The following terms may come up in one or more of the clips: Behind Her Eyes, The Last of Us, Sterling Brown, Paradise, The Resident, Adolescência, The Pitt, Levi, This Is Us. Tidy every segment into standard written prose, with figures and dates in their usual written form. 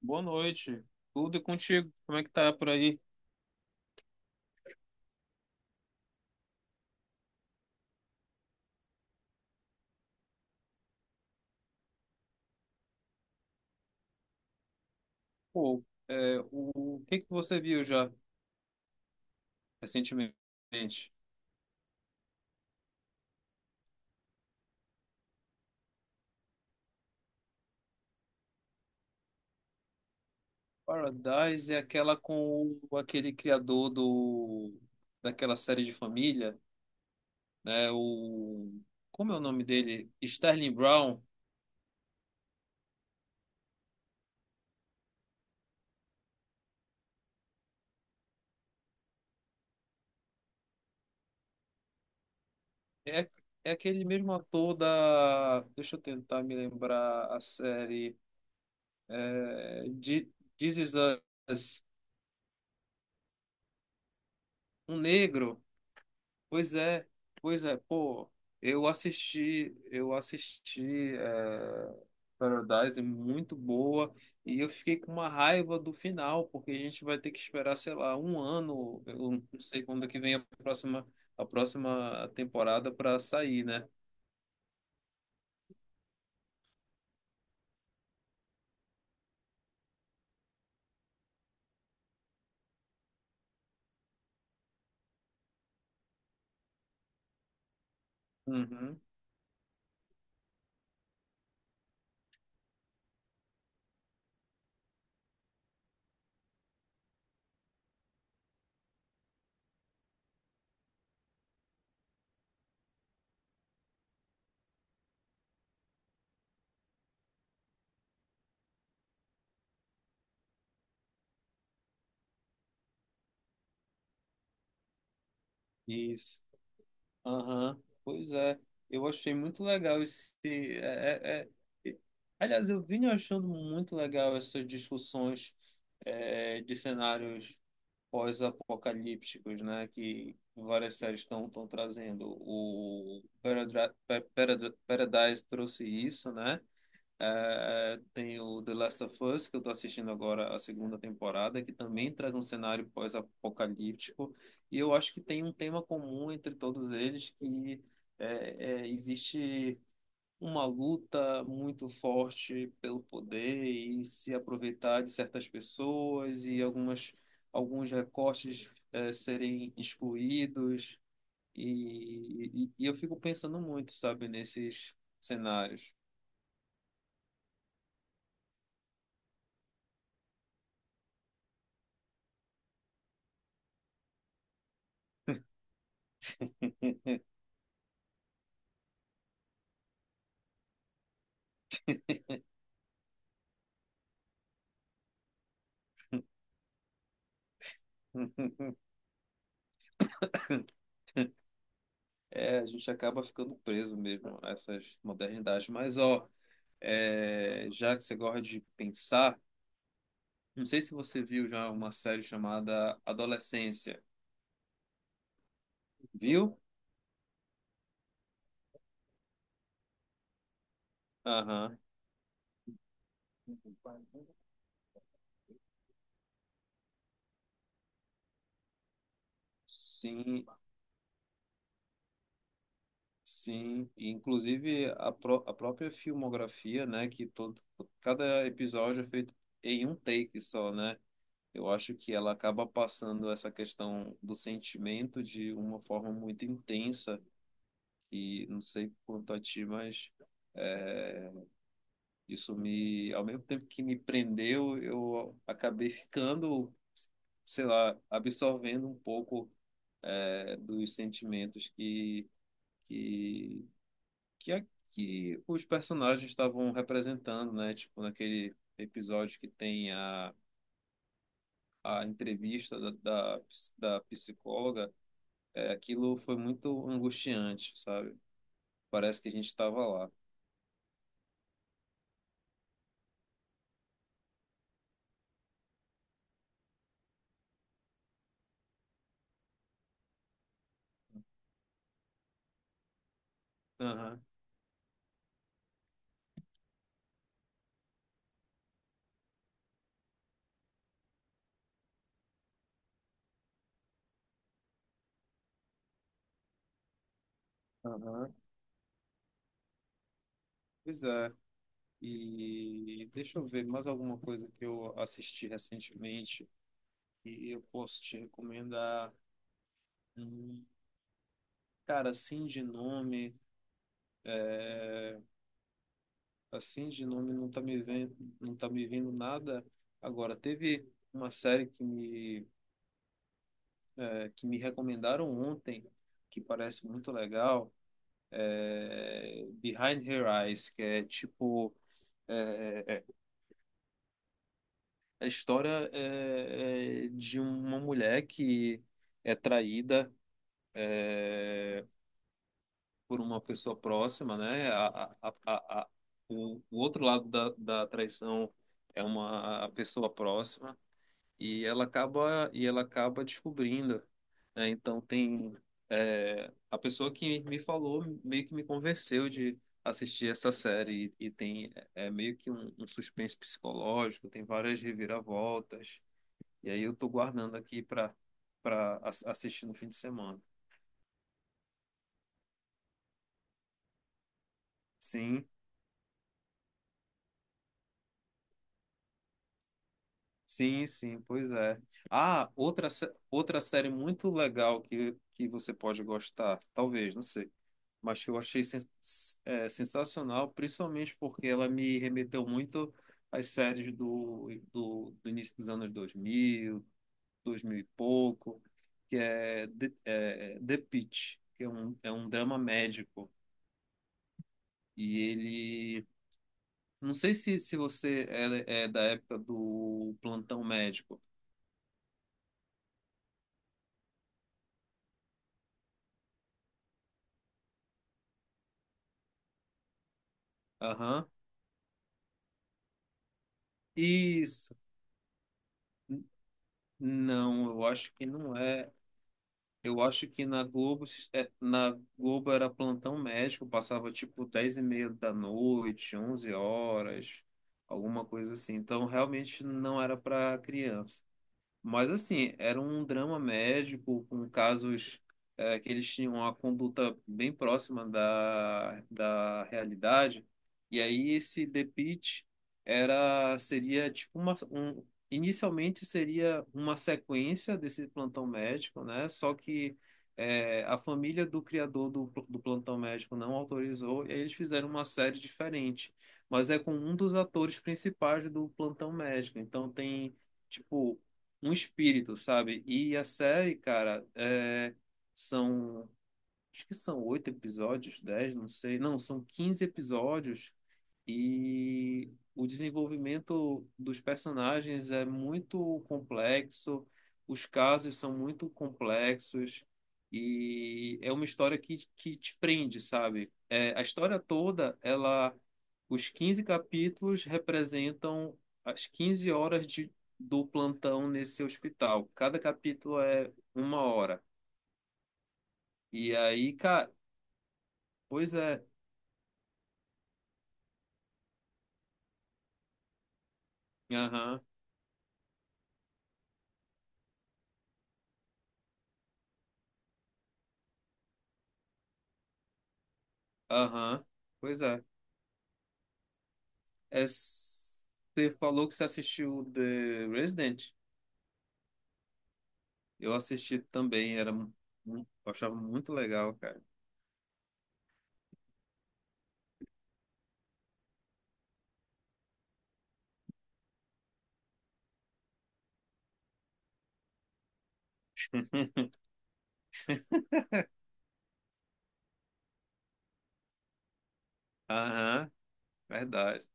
Boa noite. Tudo e contigo? Como é que tá por aí? Pô, o que que você viu já recentemente? Paradise é aquela com aquele criador do daquela série de família, né? O Como é o nome dele? Sterling Brown. É, é aquele mesmo ator da. Deixa eu tentar me lembrar a série. É, de- This Is Us. Um negro. Pois é, pois é, pô, eu assisti é, Paradise, muito boa, e eu fiquei com uma raiva do final, porque a gente vai ter que esperar, sei lá, um ano, eu não sei quando é que vem a próxima, temporada para sair, né? Uhum, isso. Aham, pois é, eu achei muito legal esse. É- Aliás, eu vim achando muito legal essas discussões de cenários pós-apocalípticos, né, que várias séries estão trazendo. O Paradise trouxe isso, né? Tem o The Last of Us, que eu estou assistindo agora a segunda temporada, que também traz um cenário pós-apocalíptico. E eu acho que tem um tema comum entre todos eles, que existe uma luta muito forte pelo poder e se aproveitar de certas pessoas e alguns recortes serem excluídos. E eu fico pensando muito, sabe, nesses cenários. É, a gente acaba ficando preso mesmo a essas modernidades. Mas, ó, já que você gosta de pensar, não sei se você viu já uma série chamada Adolescência. Viu? Aham. Sim, sim. E, inclusive a própria filmografia, né, que cada episódio é feito em um take só, né? Eu acho que ela acaba passando essa questão do sentimento de uma forma muito intensa e não sei quanto a ti, mas é, ao mesmo tempo que me prendeu, eu acabei ficando, sei lá, absorvendo um pouco dos sentimentos que que é que os personagens estavam representando, né? Tipo, naquele episódio que tem a entrevista da psicóloga, aquilo foi muito angustiante, sabe? Parece que a gente estava lá. Aham, aham. Pois é. E deixa eu ver mais alguma coisa que eu assisti recentemente e eu posso te recomendar. Hum, cara, assim de nome não tá me vendo nada. Agora, teve uma série que me recomendaram ontem, que parece muito legal, é Behind Her Eyes, que é tipo eh, a história de uma mulher que é traída eh, por uma pessoa próxima, né? A, a, a, o outro lado da traição é uma pessoa próxima. E ela acaba descobrindo, né? Então a pessoa que me falou meio que me convenceu de assistir essa série, e tem, meio que um, suspense psicológico, tem várias reviravoltas, e aí eu tô guardando aqui para para assistir no fim de semana. Sim, sim, sim, pois é. Ah, outra série muito legal que você pode gostar, talvez, não sei, mas que eu achei sensacional, principalmente porque ela me remeteu muito às séries do início dos anos 2000, 2000 e pouco, que é The Pitt, que é um, drama médico. E ele. Não sei se você é da época do Plantão Médico. Aham. Isso. N- Não, eu acho que não é. Eu acho que na Globo era Plantão Médico, passava tipo 22h30 da noite, 11 horas, alguma coisa assim. Então realmente não era para criança. Mas assim, era um drama médico com casos que eles tinham uma conduta bem próxima da realidade. E aí esse The Pitt era seria tipo inicialmente seria uma sequência desse Plantão Médico, né? Só que a família do criador do Plantão Médico não autorizou e aí eles fizeram uma série diferente. Mas é com um dos atores principais do Plantão Médico. Então tem tipo um espírito, sabe? E a série, cara, são. Acho que são oito episódios, 10, não sei. Não, são 15 episódios, e o desenvolvimento dos personagens é muito complexo, os casos são muito complexos, e é uma história que te prende, sabe? A história toda, os 15 capítulos representam as 15 horas do plantão nesse hospital. Cada capítulo é 1 hora. E aí, cara, pois é, aham, aham, pois é. É, Você falou que você assistiu The Resident? Eu assisti também, eu achava muito legal, cara. Aham, verdade.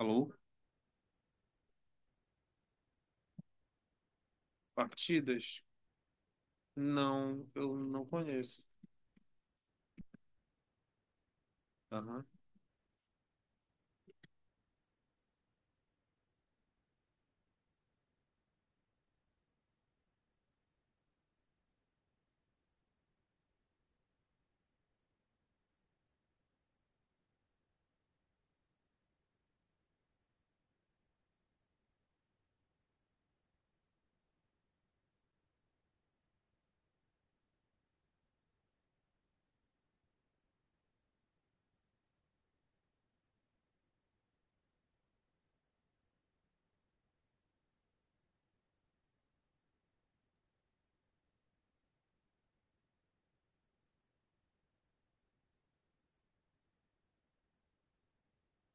Alô? Partidas? Não, eu não conheço. Aham.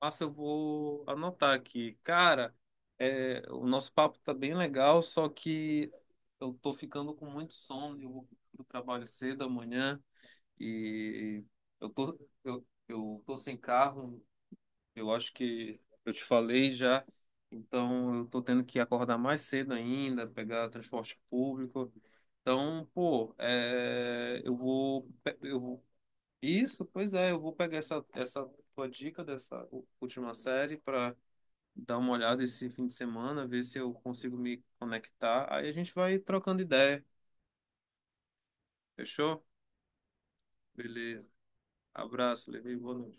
Nossa, eu vou anotar aqui. Cara, o nosso papo tá bem legal, só que eu tô ficando com muito sono. Eu vou pro trabalho cedo amanhã e eu tô sem carro. Eu acho que eu te falei já, então eu tô tendo que acordar mais cedo ainda, pegar transporte público. Então, pô, eu vou, eu vou. Isso, pois é, eu vou pegar essa tua dica dessa última série para dar uma olhada esse fim de semana, ver se eu consigo me conectar. Aí a gente vai trocando ideia, fechou? Beleza. Abraço, Levi, boa noite.